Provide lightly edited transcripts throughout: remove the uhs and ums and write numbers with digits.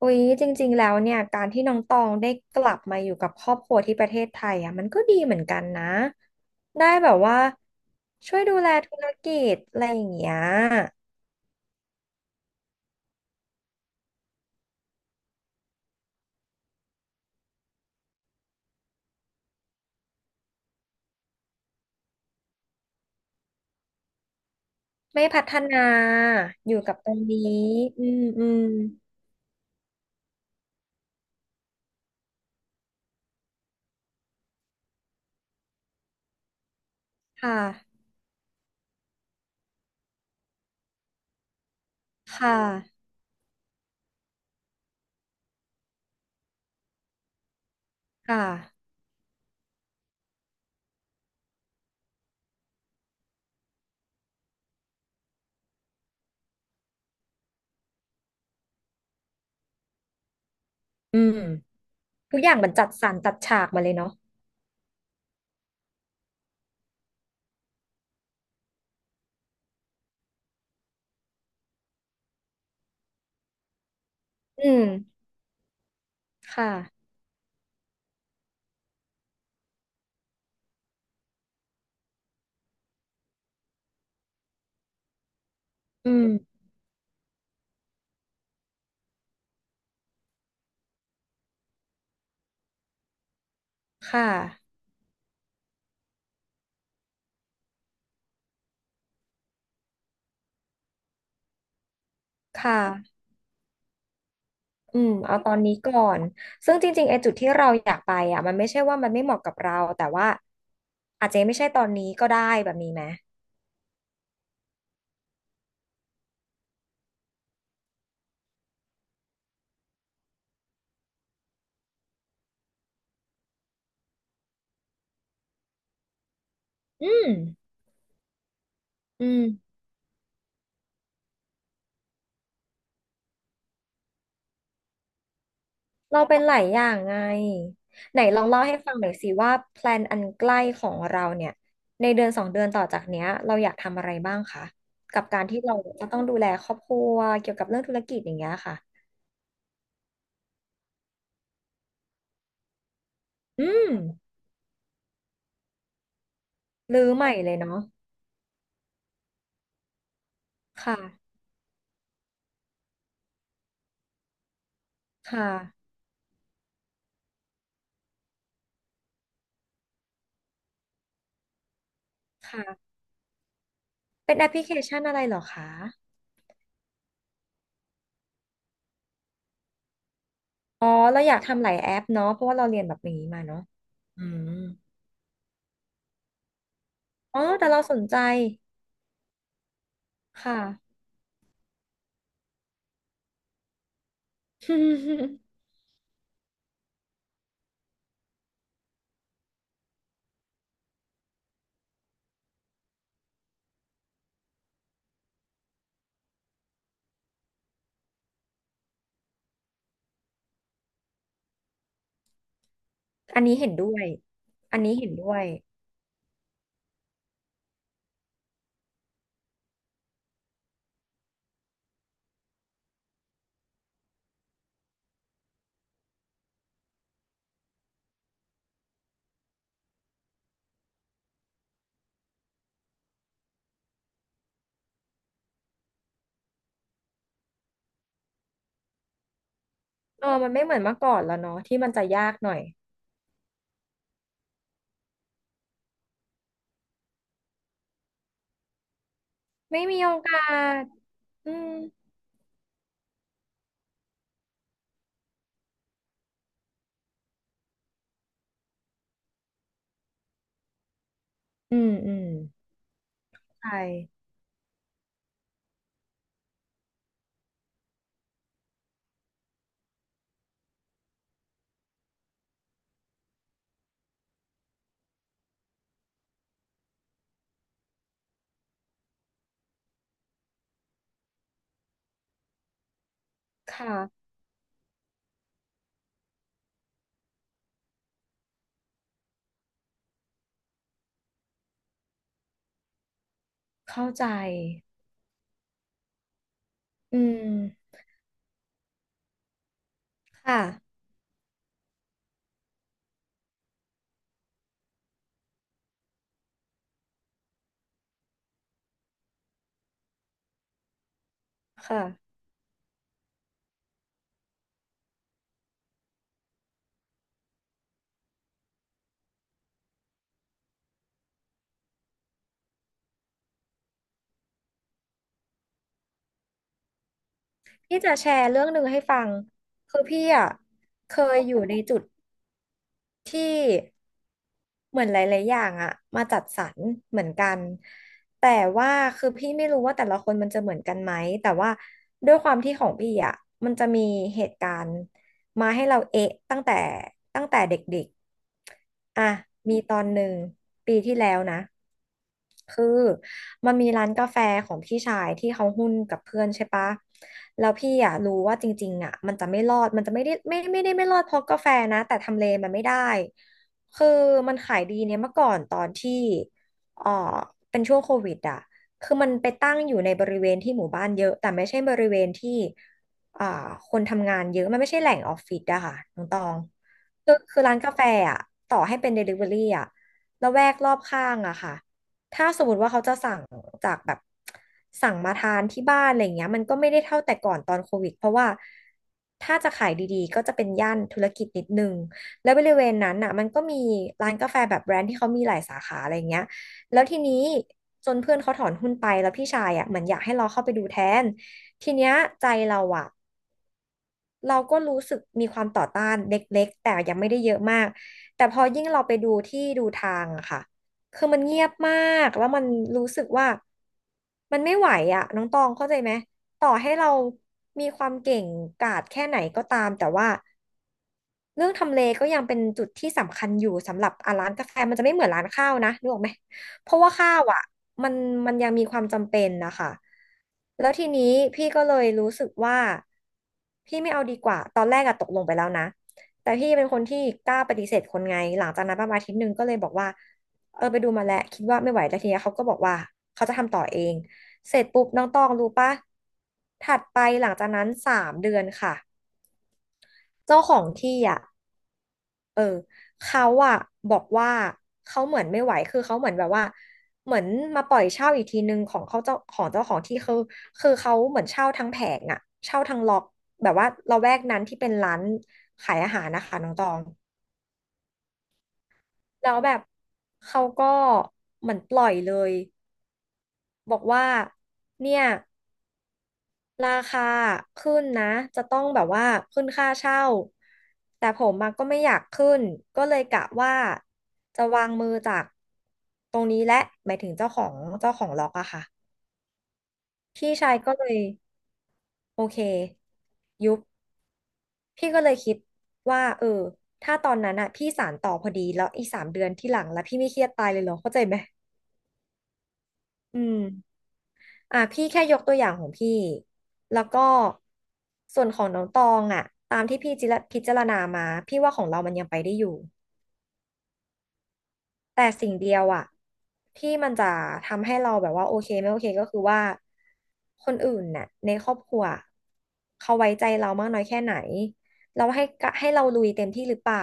อุ๊ยจริงๆแล้วเนี่ยการที่น้องตองได้กลับมาอยู่กับครอบครัวที่ประเทศไทยอ่ะมันก็ดีเหมือนกันนะได้แบบว่าช่วยดูแลธุรกิจอะไรอย่างเงี้ยไม่พัฒนาอยู่กับตรงนี้อืมอืมค่ะค่ะค่ะอืมทุกอย่างมันจัดสรรจัดฉากมาเลยเนาะอืมค่ะอืมค่ะค่ะ อืมเอาตอนนี้ก่อนซึ่งจริงๆไอ้จุดที่เราอยากไปอ่ะมันไม่ใช่ว่ามันไม่เหมาะกับเราแต่ว่าอาจจะไม่ใช่ตอนนี้ก็ได้แบบนี้ไหมอืมอืมเราเป็นหลายอย่างไงไหนลองเล่าให้ฟังหน่อยสิว่าแพลนอันใกล้ของเราเนี่ยในเดือนสองเดือนต่อจากเนี้ยเราอยากทำอะไรบ้างคะกับการที่เราจะต้องดูแลครอบครัวเกี่ยวกับเรื่องธุรกิจอย่างเงี้ยค่ะอืมรื้อใหม่เลยเนาะค่ะค่ะค่ะเป็นแอปพลิเคชันอะไรเหรอคะ อ๋อเราอยากทำหลายแอปเนาะเพราะว่าเราเรียนแบบนี้มาเนาะอืมอ๋อแต่เราสนใจค่ะ อันนี้เห็นด้วยอันนี้เห็นด้วยเออมันไม่เหมือนเมื่อก่อนแล้วเนาะที่มันจะยากหน่อยไม่มีโอกาสอืมอืมอืมใช่ค่ะเข้าใจอืมค่ะค่ะพี่จะแชร์เรื่องหนึ่งให้ฟังคือพี่อ่ะเคยอยู่ในจุดที่ เหมือนหลายๆอย่างอะมาจัดสรรเหมือนกันแต่ว่าคือพี่ไม่รู้ว่าแต่ละคนมันจะเหมือนกันไหมแต่ว่าด้วยความที่ของพี่อะมันจะมีเหตุการณ์มาให้เราเอ๊ะตั้งแต่เด็กๆอ่ะมีตอนหนึ่งปีที่แล้วนะคือ มันมีร้านกาแฟของพี่ชายที่เขาหุ้นกับเพื่อนใช่ปะแล้วพี่อ่ะรู้ว่าจริงๆอ่ะมันจะไม่รอดมันจะไม่ได้ไม่ได้ไม่รอดเพราะกาแฟนะแต่ทำเลมันไม่ได้คือมันขายดีเนี่ยเมื่อก่อนตอนที่เอ่อเป็นช่วงโควิดอ่ะคือมันไปตั้งอยู่ในบริเวณที่หมู่บ้านเยอะแต่ไม่ใช่บริเวณที่อ่าคนทำงานเยอะมันไม่ใช่แหล่งออฟฟิศอะค่ะน้องตองคือร้านกาแฟอะต่อให้เป็น Delivery อะละแวกรอบข้างอะค่ะ ถ้าสมมติว่าเขาจะสั่งจากแบบสั่งมาทานที่บ้านอะไรเงี้ยมันก็ไม่ได้เท่าแต่ก่อนตอนโควิดเพราะว่าถ้าจะขายดีๆก็จะเป็นย่านธุรกิจนิดนึงแล้วบริเวณนั้นน่ะมันก็มีร้านกาแฟแบบแบรนด์ที่เขามีหลายสาขาอะไรเงี้ยแล้วทีนี้จนเพื่อนเขาถอนหุ้นไปแล้วพี่ชายอ่ะเหมือนอยากให้เราเข้าไปดูแทนทีเนี้ยใจเราอ่ะ เราก็รู้สึกมีความต่อต้านเล็กๆแต่ยังไม่ได้เยอะมากแต่พอยิ่งเราไปดูที่ดูทางอะค่ะคือมันเงียบมากแล้วมันรู้สึกว่ามันไม่ไหวอะน้องตองเข้าใจไหมต่อให้เรามีความเก่งกาจแค่ไหนก็ตามแต่ว่า เรื่องทำเลก็ยังเป็นจุดที่สำคัญอยู่สำหรับอ่ะร้านกาแฟมันจะไม่เหมือนร้านข้าวนะนึกออกไหมเพราะว่าข้าวอ่ะมันมันยังมีความจำเป็นนะคะแล้วทีนี้พี่ก็เลยรู้สึกว่าพี่ไม่เอาดีกว่าตอนแรกอะตกลงไปแล้วนะแต่พี่เป็นคนที่กล้าปฏิเสธคนไงหลังจากนั้นประมาณอาทิตย์หนึ่งก็เลยบอกว่าเออไปดูมาแล้วคิดว่าไม่ไหวแล้วทีนี้เขาก็บอกว่าเขาจะทำต่อเองเสร็จปุ๊บน้องตองรู้ปะถัดไปหลังจากนั้นสามเดือนค่ะเจ้าของที่อ่ะ เขาอะบอกว่าเขาเหมือนไม่ไหวคือเขาเหมือนแบบว่าเหมือนมาปล่อยเช่าอีกทีนึงของเขาเจ้าของที่คือคือเขาเหมือนเช่าทั้งแผงอะเช่าทั้งล็อกแบบว่าละแวกนั้นที่เป็นร้านขายอาหารนะคะน้องตองแล้วแบบเขาก็เหมือนปล่อยเลยบอกว่าเนี่ย ราคาขึ้นนะจะต้องแบบว่าขึ้นค่าเช่าแต่ผมมาก็ไม่อยากขึ้นก็เลยกะว่าจะวางมือจากตรงนี้และหมายถึงเจ้าของล็อกอะค่ะพี่ชายก็เลยโอเคยุบพี่ก็เลยคิดว่าเออถ้าตอนนั้นอะพี่สานต่อพอดีแล้วอีกสามเดือนที่หลังแล้วพี่ไม่เครียดตายเลยเหรอเข้าใจไหมอืม อ่ะพี่แค่ยกตัวอย่างของพี่แล้วก็ส่วนของน้องตองอ่ะตามที่พี่จิระพิจารณามาพี่ว่าของเรามันยังไปได้อยู่แต่สิ่งเดียวอ่ะที่มันจะทำให้เราแบบว่าโอเคไม่โอเคก็คือว่าคนอื่นน่ะในครอบครัวเขาไว้ใจเรามากน้อยแค่ไหนเราให้กะให้เราลุยเต็มที่หรือเปล่า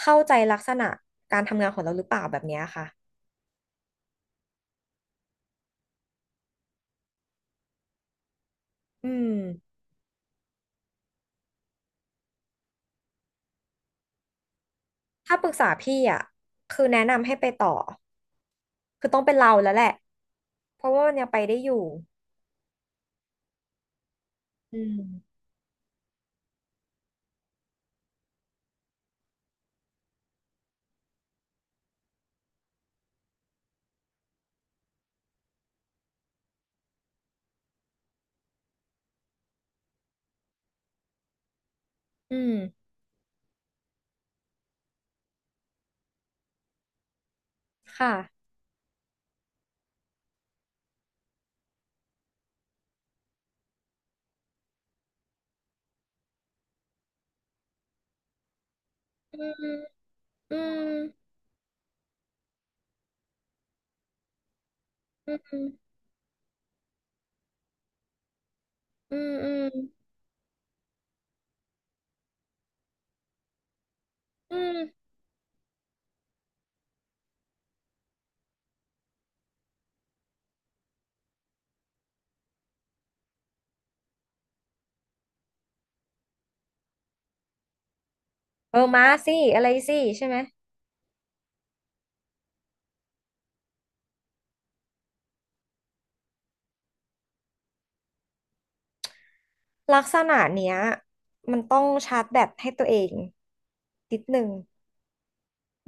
เข้าใจลักษณะการทำงานของเราหรือเปล่าแบบเนี้ยค่ะอืม ถ้าปรึกษาพี่อ่ะคือแนะนำให้ไปต่อคือต้องเป็นเราแล้วแหละเพราะว่ามันยังไปได้อยู่อืมอืมค่ะอืมอืมอืมอืมอืมอืมเออมาสิอะไรสิใช่ไหมลักษณะเนี้ยมันต้องชาร์จแบตให้ตัวเองนิดนึง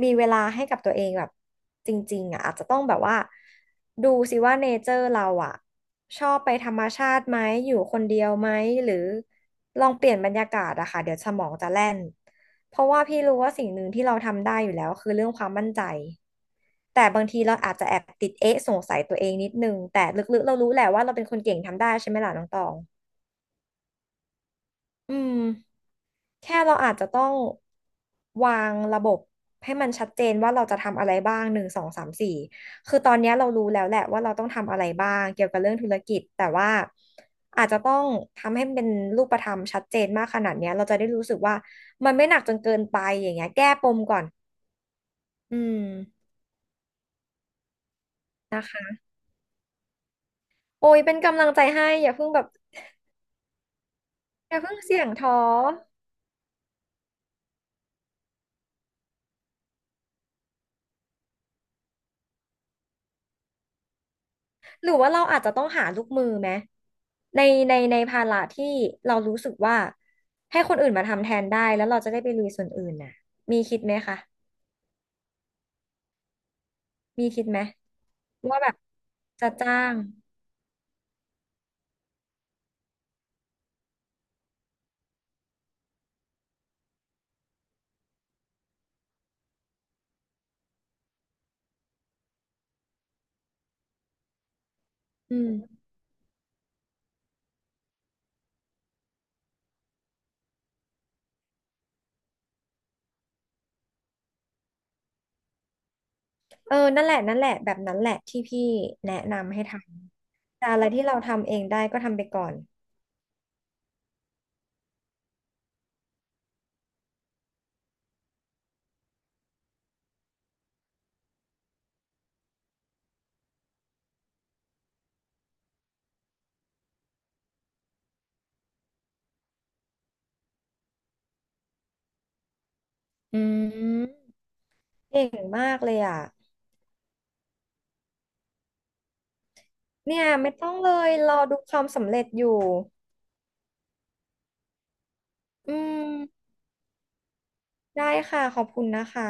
มีเวลาให้กับตัวเองแบบจริงๆอ่ะอาจจะต้องแบบว่าดูสิว่าเนเจอร์เราอ่ะชอบไปธรรมชาติไหมอยู่คนเดียวไหมหรือลองเปลี่ยนบรรยากาศอะค่ะเดี๋ยวสมองจะแล่นเพราะว่าพี่รู้ว่าสิ่งหนึ่งที่เราทำได้อยู่แล้วคือเรื่องความมั่นใจแต่บางทีเราอาจจะแอบติดเอ๊ะสงสัยตัวเองนิดนึงแต่ลึกๆเรารู้แหละว่าเราเป็นคนเก่งทำได้ใช่ไหมล่ะน้องตอง อืมแค่เราอาจจะต้องวางระบบให้มันชัดเจนว่าเราจะทำอะไรบ้างหนึ่งสองสามสี่คือตอนเนี้ยเรารู้แล้วแหละว่าเราต้องทำอะไรบ้างเกี่ยวกับเรื่องธุรกิจแต่ว่าอาจจะต้องทำให้มันเป็นรูปธรรมชัดเจนมากขนาดเนี้ยเราจะได้รู้สึกว่ามันไม่หนักจนเกินไปอย่างเงี้ยแก้ปมก่อนอืมนะคะโอ้ยเป็นกำลังใจให้อย่าเพิ่งแบบอย่าเพิ่งเสี่ยงท้อ หรือว่าเราอาจจะต้องหาลูกมือไหมในในภาระที่เรารู้สึกว่าให้คนอื่นมาทำแทนได้แล้วเราจะได้ไปลุยส่วนอื่นน่ะมีคิดไหมคะมีคิดไหมว่าแบบจะจ้างอืมเออนั่นแหละแบบนั้นแหละที่พี่แนะนำให้ทำแต่อะไรที่เราทำเองได้ก็ทำไปก่อนอืมเก่งมากเลยอ่ะเนี่ยไม่ต้องเลยรอดูความสำเร็จอยู่อืมได้ค่ะขอบคุณนะคะ